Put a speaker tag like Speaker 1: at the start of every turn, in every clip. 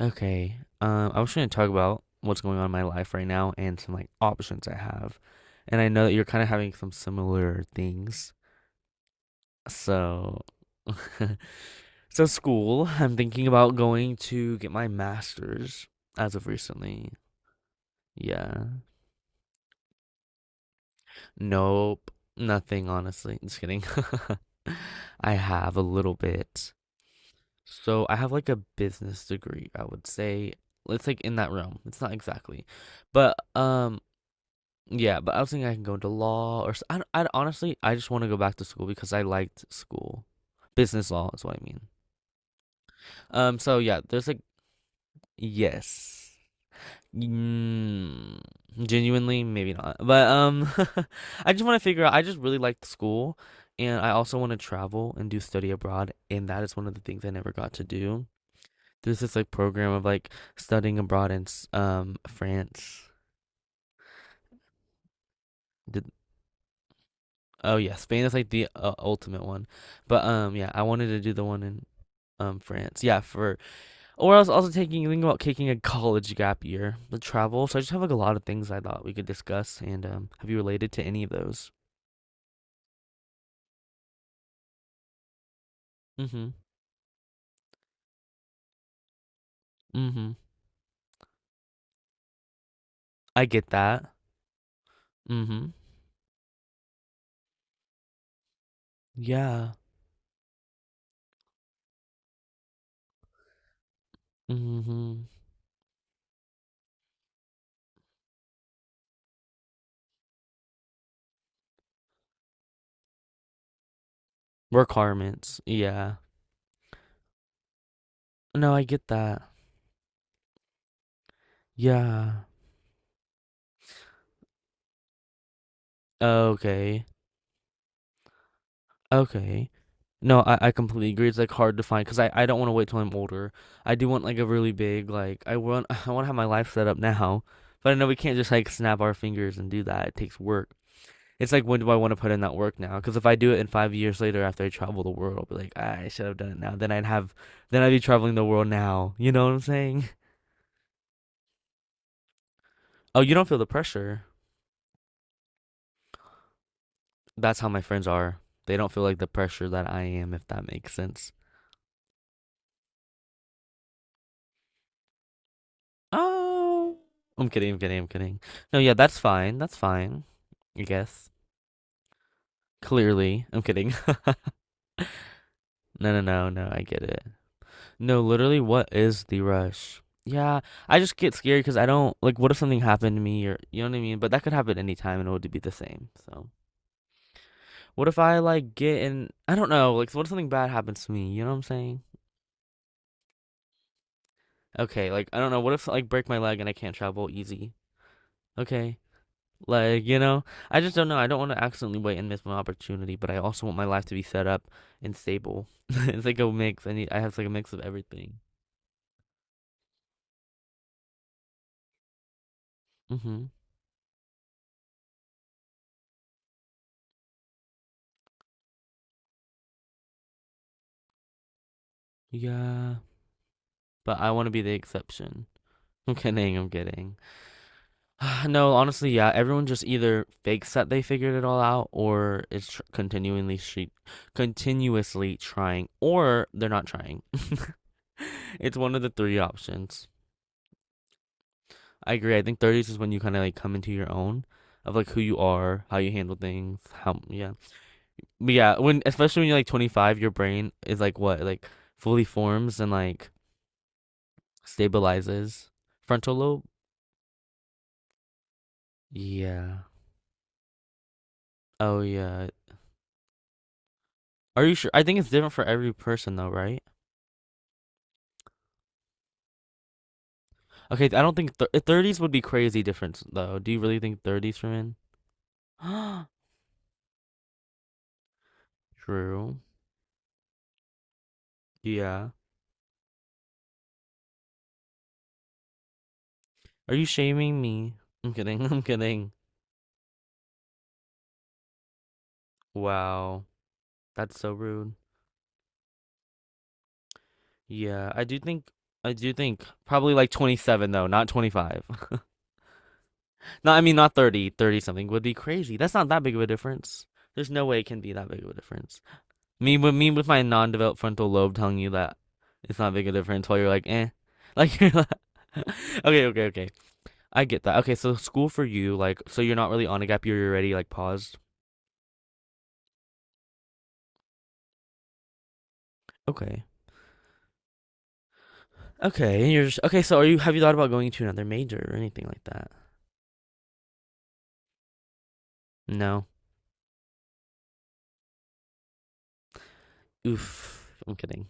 Speaker 1: Okay. I was going to talk about what's going on in my life right now and some like options I have. And I know that you're kind of having some similar things. So, so school, I'm thinking about going to get my master's as of recently. Yeah. Nope. Nothing, honestly. Just kidding. I have a little bit. So, I have like a business degree, I would say. It's like in that realm. It's not exactly. But Yeah, but I was thinking I can go into law or s- I d- honestly I just want to go back to school because I liked school. Business law is what I mean. So yeah, there's like yes, mm, genuinely maybe not, but I just want to figure out. I just really liked school, and I also want to travel and do study abroad, and that is one of the things I never got to do. There's this like program of like studying abroad in France. Oh yeah, Spain is like the ultimate one. But yeah, I wanted to do the one in France. Yeah, for or I was also taking thinking about taking a college gap year, the travel. So I just have like a lot of things I thought we could discuss and have you related to any of those? Mhm. Mhm. I get that. Mhm. Yeah. Mhm. Requirements. Yeah. No, I get that. Yeah. Okay. Okay. No, I completely agree. It's like hard to find because I don't want to wait till I'm older. I do want like a really big like I want I want to have my life set up now, but I know we can't just like snap our fingers and do that. It takes work. It's like when do I want to put in that work now? Because if I do it in 5 years later after I travel the world, I'll be like, "Ah, I should have done it now. Then I'd have then I'd be traveling the world now. You know what I'm saying?" Oh, you don't feel the pressure. That's how my friends are. They don't feel like the pressure that I am, if that makes sense. Oh, I'm kidding. I'm kidding. I'm kidding. No, yeah, that's fine. That's fine. I guess. Clearly, I'm kidding. No, no, no, no. I get it. No, literally, what is the rush? Yeah, I just get scared because I don't like. What if something happened to me, or you know what I mean? But that could happen anytime, and it would be the same. So, what if I like get in? I don't know. Like, what if something bad happens to me? You know what I'm saying? Okay, like I don't know. What if like break my leg and I can't travel easy? Okay, like, you know, I just don't know. I don't want to accidentally wait and miss my opportunity, but I also want my life to be set up and stable. It's like a mix. I have like a mix of everything. Hmm Yeah. But I want to be the exception. I'm kidding, I'm kidding. No, honestly, yeah, everyone just either fakes that they figured it all out or is tr continually she continuously trying or they're not trying. It's one of the three options. I agree. I think 30s is when you kind of like come into your own of like who you are, how you handle things, how yeah. But yeah, when especially when you're like 25, your brain is like what? Like fully forms and like stabilizes. Frontal lobe? Yeah. Oh yeah. Are you sure? I think it's different for every person though, right? Okay, I don't think th 30s would be crazy different though. Do you really think 30s for men? True. Yeah. Are you shaming me? I'm kidding. I'm kidding. Wow. That's so rude. Yeah, I do think I do think probably like 27 though, not 25. No, I mean not 30, 30 something would be crazy. That's not that big of a difference. There's no way it can be that big of a difference. Me with my non-developed frontal lobe telling you that it's not big a difference while you're like, "Eh." Like you're like Okay, okay, okay. I get that. Okay, so school for you like so you're not really on a gap year, you're already like paused. Okay. Okay, and you're just okay, so are you have you thought about going to another major or anything like that? No. Oof. I'm kidding.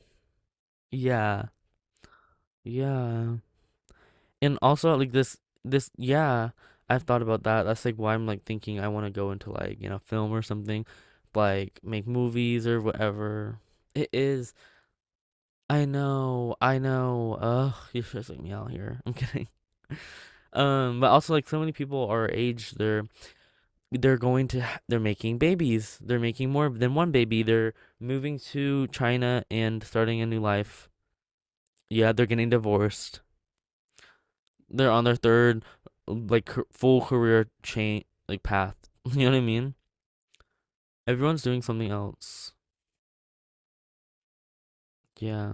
Speaker 1: Yeah. Yeah. And also like this yeah, I've thought about that. That's like why I'm like thinking I want to go into like, you know, film or something, like make movies or whatever. It is. I know. I know. Ugh, you're stressing me out here. I'm kidding. But also like so many people our age, they're going to ha- they're making babies. They're making more than one baby. They're moving to China and starting a new life. Yeah, they're getting divorced. They're on their third like full career chain like path. You know what I mean? Everyone's doing something else. Yeah.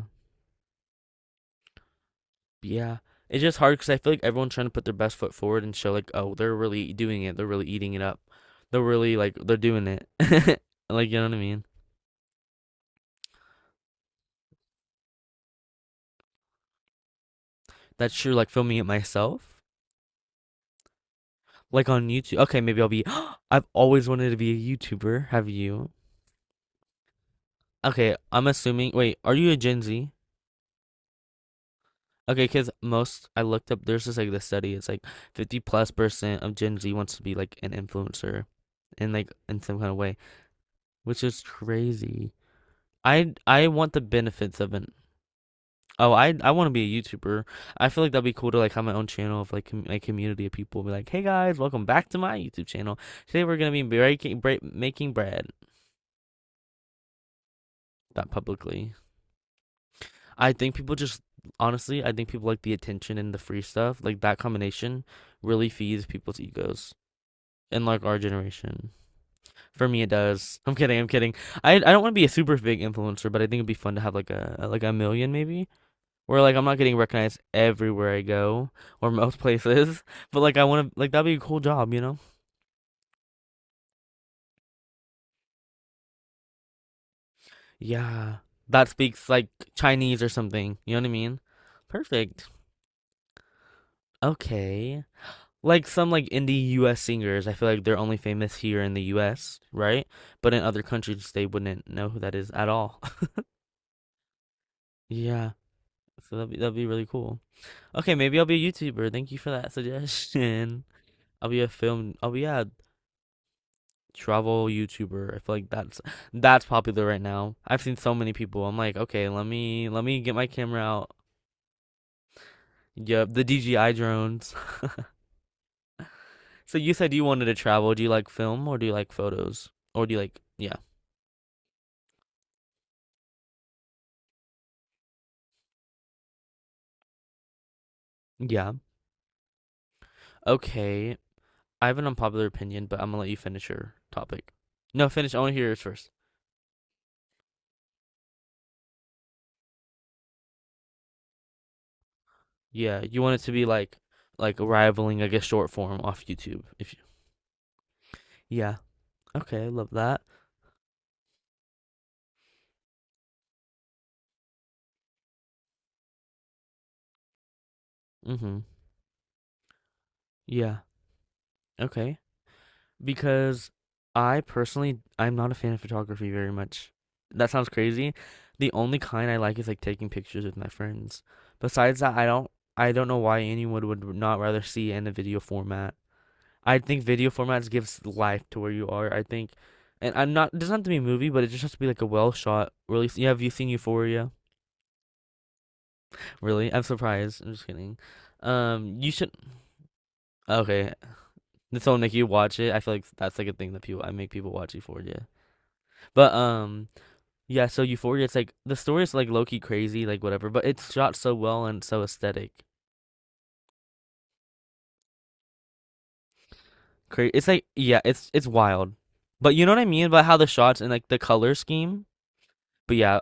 Speaker 1: Yeah. It's just hard because I feel like everyone's trying to put their best foot forward and show like, oh, they're really doing it. They're really eating it up. They're really like they're doing it. Like you know what I mean? That's true. Like filming it myself, like on YouTube. Okay, maybe I'll be. I've always wanted to be a YouTuber. Have you? Okay, I'm assuming. Wait, are you a Gen Z? Okay, because most I looked up, there's just like this study. It's like 50+% of Gen Z wants to be like an influencer in like in some kind of way, which is crazy. I want the benefits of an oh, I want to be a YouTuber. I feel like that'd be cool to like have my own channel of like a community of people be like, "Hey guys, welcome back to my YouTube channel. Today we're gonna be making bread," not publicly. I think people just honestly, I think people like the attention and the free stuff. Like that combination really feeds people's egos in like our generation. For me, it does. I'm kidding. I'm kidding. I don't want to be a super big influencer, but I think it'd be fun to have like a million maybe. Where like I'm not getting recognized everywhere I go or most places, but like I want to like that'd be a cool job, you know? Yeah, that speaks like Chinese or something. You know what I mean? Perfect. Okay. Like some like indie US singers, I feel like they're only famous here in the US, right? But in other countries, they wouldn't know who that is at all. Yeah, so that'd be really cool. Okay, maybe I'll be a YouTuber. Thank you for that suggestion. I'll be a film. I'll be a travel YouTuber. I feel like that's popular right now. I've seen so many people. I'm like, okay, let me get my camera out. Yep, the DJI drones. So you said you wanted to travel. Do you like film or do you like photos? Or do you like, yeah. Yeah. Okay. I have an unpopular opinion, but I'm gonna let you finish your topic. No, finish. I want to hear yours first. Yeah, you want it to be like rivaling, I guess, short form off YouTube. If you, yeah. Okay, I love that. Mhm. Yeah. Okay. Because I personally I'm not a fan of photography very much. That sounds crazy. The only kind I like is like taking pictures with my friends. Besides that, I don't know why anyone would not rather see in a video format. I think video formats gives life to where you are. I think and I'm not it doesn't have to be a movie, but it just has to be like a well shot really. Yeah, have you seen Euphoria? Really? I'm surprised. I'm just kidding. You should Okay, so like you watch it, I feel like that's like a thing that people I make people watch Euphoria. But yeah, so Euphoria, it's like the story is like low key crazy, like whatever, but it's shot so well and so aesthetic. It's like yeah, it's wild. But you know what I mean about how the shots and like the color scheme? But yeah,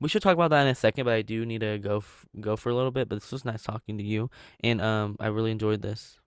Speaker 1: we should talk about that in a second, but I do need to go for a little bit, but this was nice talking to you and I really enjoyed this.